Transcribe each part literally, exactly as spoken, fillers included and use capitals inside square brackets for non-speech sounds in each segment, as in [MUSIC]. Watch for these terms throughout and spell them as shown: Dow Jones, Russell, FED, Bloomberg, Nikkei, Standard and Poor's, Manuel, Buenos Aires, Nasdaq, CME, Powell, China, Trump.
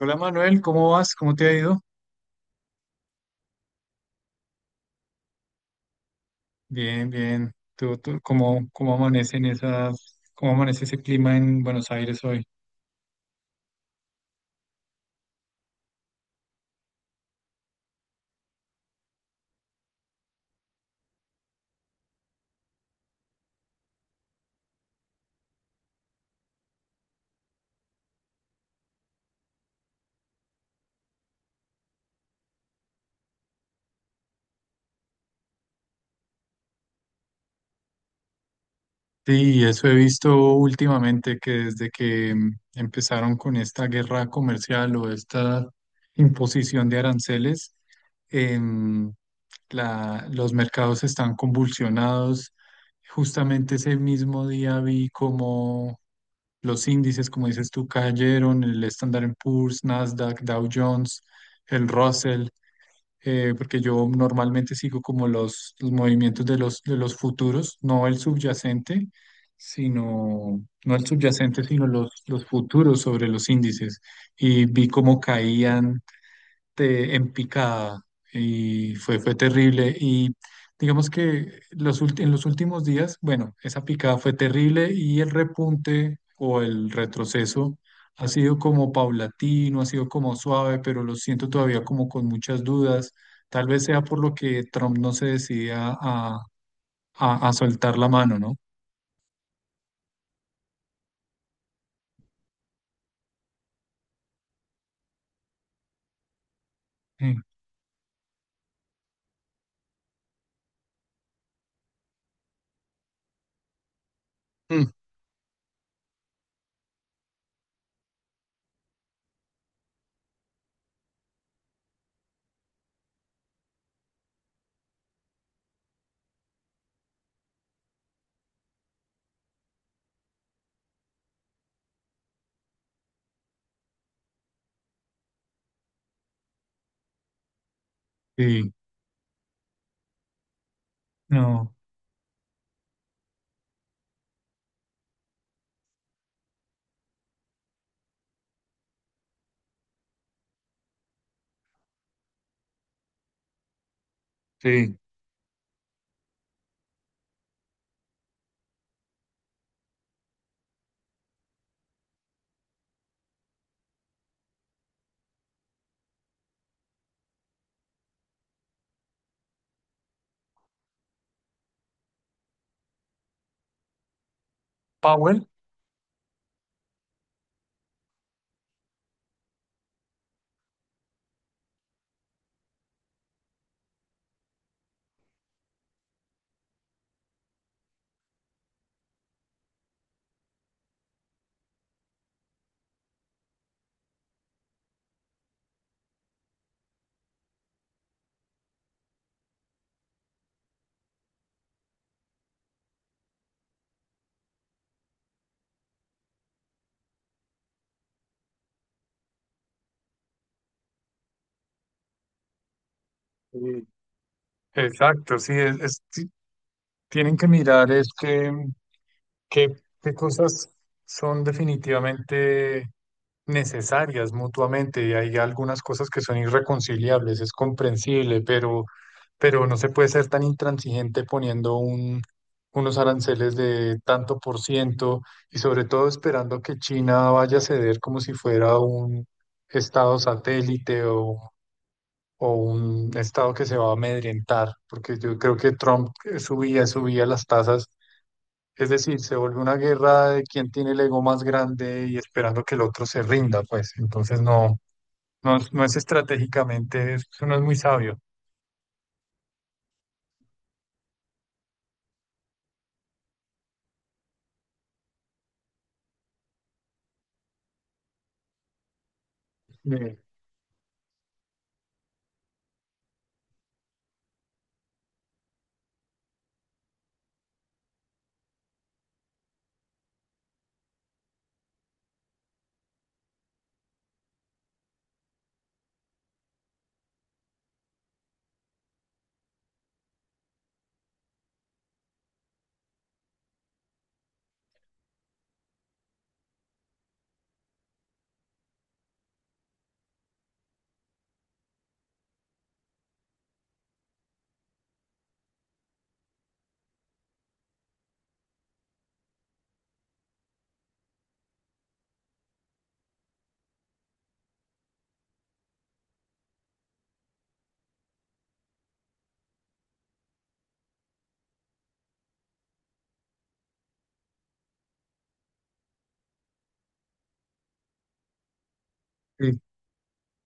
Hola Manuel, ¿cómo vas? ¿Cómo te ha ido? Bien, bien. ¿Tú, tú, cómo, cómo amanecen esas, cómo amanece ese clima en Buenos Aires hoy? Sí, eso he visto últimamente que desde que mm, empezaron con esta guerra comercial o esta imposición de aranceles, em, la- los mercados están convulsionados. Justamente ese mismo día vi los índices, como dices tú, cayeron, el Standard and Poor's, Nasdaq, Dow Jones, el Russell, eh, porque yo normalmente sigo como los, los movimientos de los, de los futuros, no el subyacente, sino, no el subyacente, sino los, los futuros sobre los índices. Y vi cómo caían te- en picada y fue, fue terrible. Y digamos que los, ult- en los últimos días, bueno, esa picada fue terrible y el repunte o el retroceso ha sido como paulatino, ha sido como suave, pero lo siento todavía como con muchas dudas. Tal vez sea por lo que Trump no se decidía a, a, a soltar la mano, ¿no? Sí. Mm. Sí, no, sí. Powell. Sí. Exacto, sí, es, es- sí, tienen que mirar este. ¿Qué, qué cosas son definitivamente necesarias mutuamente? Y hay algunas cosas que son irreconciliables, es comprensible, pero, pero no se puede ser tan intransigente poniendo un, unos aranceles de tanto por ciento y sobre todo esperando que China vaya a ceder como si fuera un estado satélite o, o un estado que se va a amedrentar, porque yo creo que Trump eh, subía, subía las tasas, es decir, se vuelve una guerra de quién tiene el ego más grande y esperando que el otro se rinda, pues. Entonces no, no, es- no es estratégicamente, eso no es muy sabio. Eh,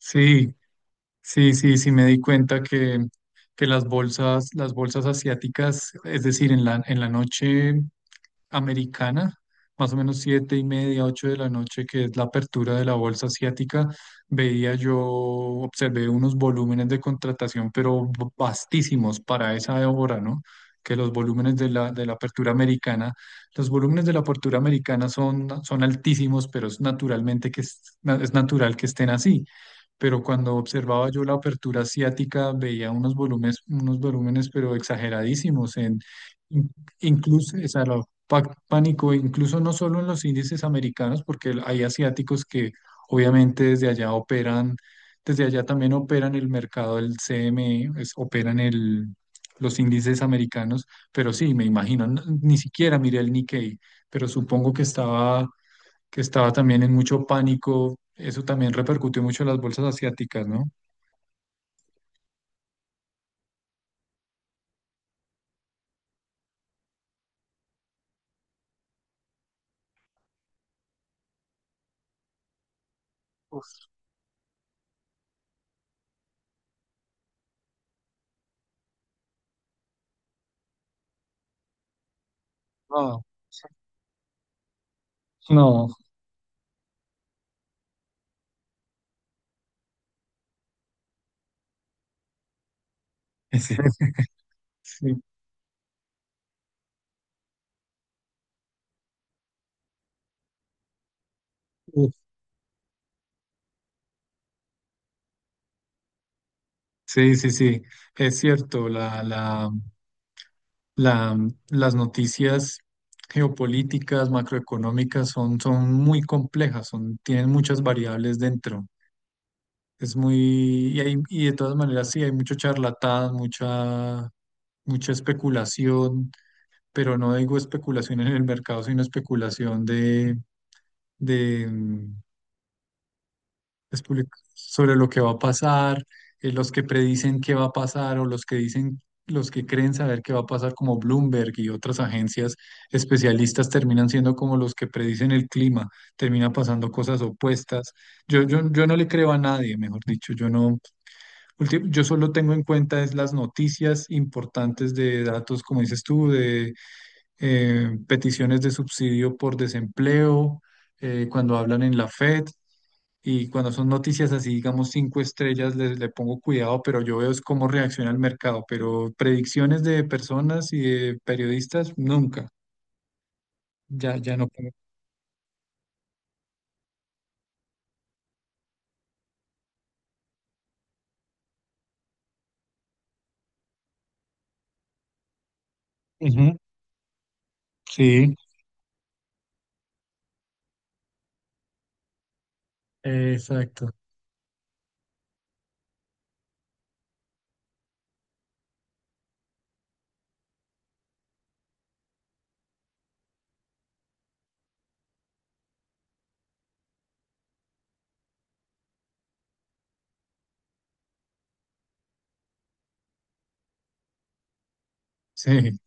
Sí, sí, sí, sí, sí me di cuenta que, que las bolsas, las bolsas asiáticas, es decir, en la, en la noche americana, más o menos siete y media, ocho de la noche, que es la apertura de la bolsa asiática, veía yo, observé unos volúmenes de contratación, pero vastísimos para esa hora, ¿no? Que los volúmenes de la, de la apertura americana, los volúmenes de la apertura americana son, son altísimos, pero es naturalmente que es, es natural que estén así. Pero cuando observaba yo la apertura asiática, veía unos volúmenes, unos volúmenes, pero exageradísimos en, in- incluso, o sea, la- pac- pánico, incluso no solo en los índices americanos, porque el- hay asiáticos que obviamente desde allá operan, desde allá también operan el mercado del C M E, es- operan el, los índices americanos, pero sí, me imagino, n- ni siquiera miré el Nikkei, pero supongo que estaba, que estaba también en mucho pánico, eso también repercutió mucho en las bolsas asiáticas, ¿no? Uf, no, no. [LAUGHS] Sí, sí, sí, sí, es cierto, la, la, La, las noticias geopolíticas, macroeconómicas son, son muy complejas, son, tienen muchas variables dentro. Es muy, y, hay- y de todas maneras sí, hay mucho charlatán, mucha, mucha especulación, pero no digo especulación en el mercado, sino especulación de, de, las publicaciones sobre lo que va a pasar, eh, los que predicen qué va a pasar o los que dicen, los que creen saber qué va a pasar, como Bloomberg y otras agencias especialistas, terminan siendo como los que predicen el clima, termina pasando cosas opuestas. Yo, yo, yo no le creo a nadie, mejor dicho, yo no, ulti- yo solo tengo en cuenta es las noticias importantes de datos, como dices tú, de eh, peticiones de subsidio por desempleo, eh, cuando hablan en la FED y cuando son noticias así, digamos, cinco estrellas, les- le, pongo cuidado, pero yo veo es cómo reacciona el mercado, pero predicciones de personas y de periodistas, nunca, ya, ya no pongo. Ujú. Sí, exacto. Sí,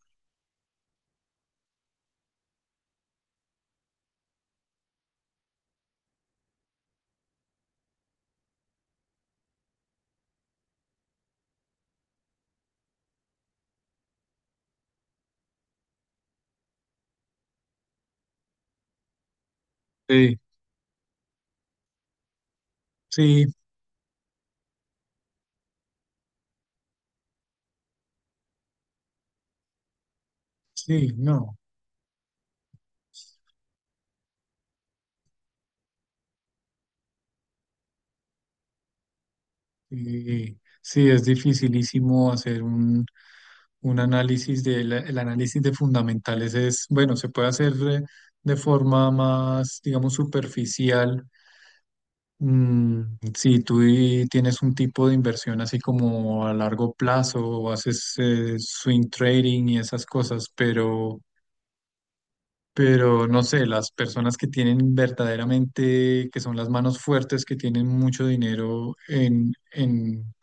sí, sí, sí, no. Sí, sí, es dificilísimo hacer un, Un análisis de la- el análisis de fundamentales es, bueno, se puede hacer eh, de forma más, digamos, superficial. Mm, si tú y- tienes un tipo de inversión así como a largo plazo o haces eh, swing trading y esas cosas, pero, pero no sé, las personas que tienen verdaderamente, que son las manos fuertes, que tienen mucho dinero en, en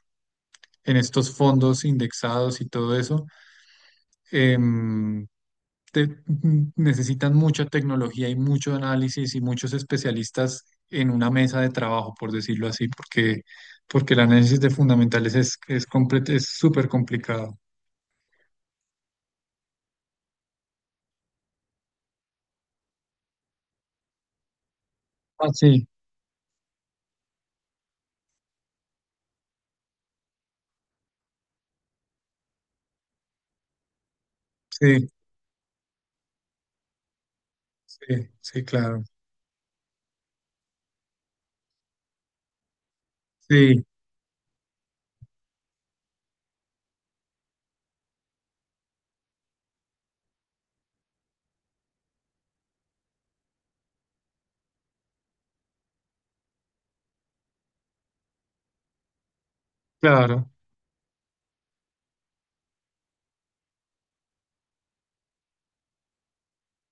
en estos fondos indexados y todo eso em, te- mm, necesitan mucha tecnología y mucho análisis y muchos especialistas en una mesa de trabajo, por decirlo así, porque, porque el análisis de fundamentales es, es, comple- es súper complicado. Ah, sí, sí, sí, sí, claro. Sí, claro,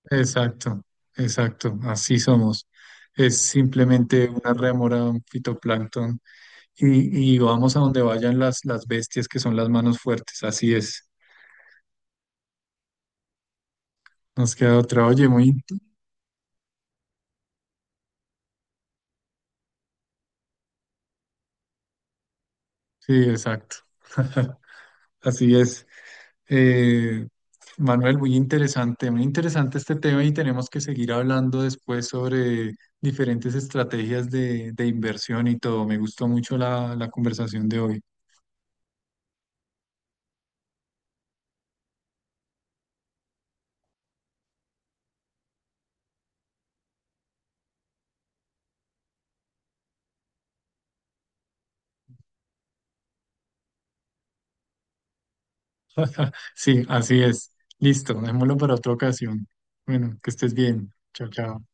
exacto, exacto, así somos. Es simplemente una rémora, un fitoplancton, y, y vamos a donde vayan las, las bestias que son las manos fuertes, así es. Nos queda otra. Oye, muy sí, exacto. [LAUGHS] Así es. Eh, Manuel, muy interesante, muy interesante este tema y tenemos que seguir hablando después sobre diferentes estrategias de, de inversión y todo. Me gustó mucho la, la conversación de hoy. Sí, así es. Listo, dejémoslo para otra ocasión. Bueno, que estés bien. Chao, chao.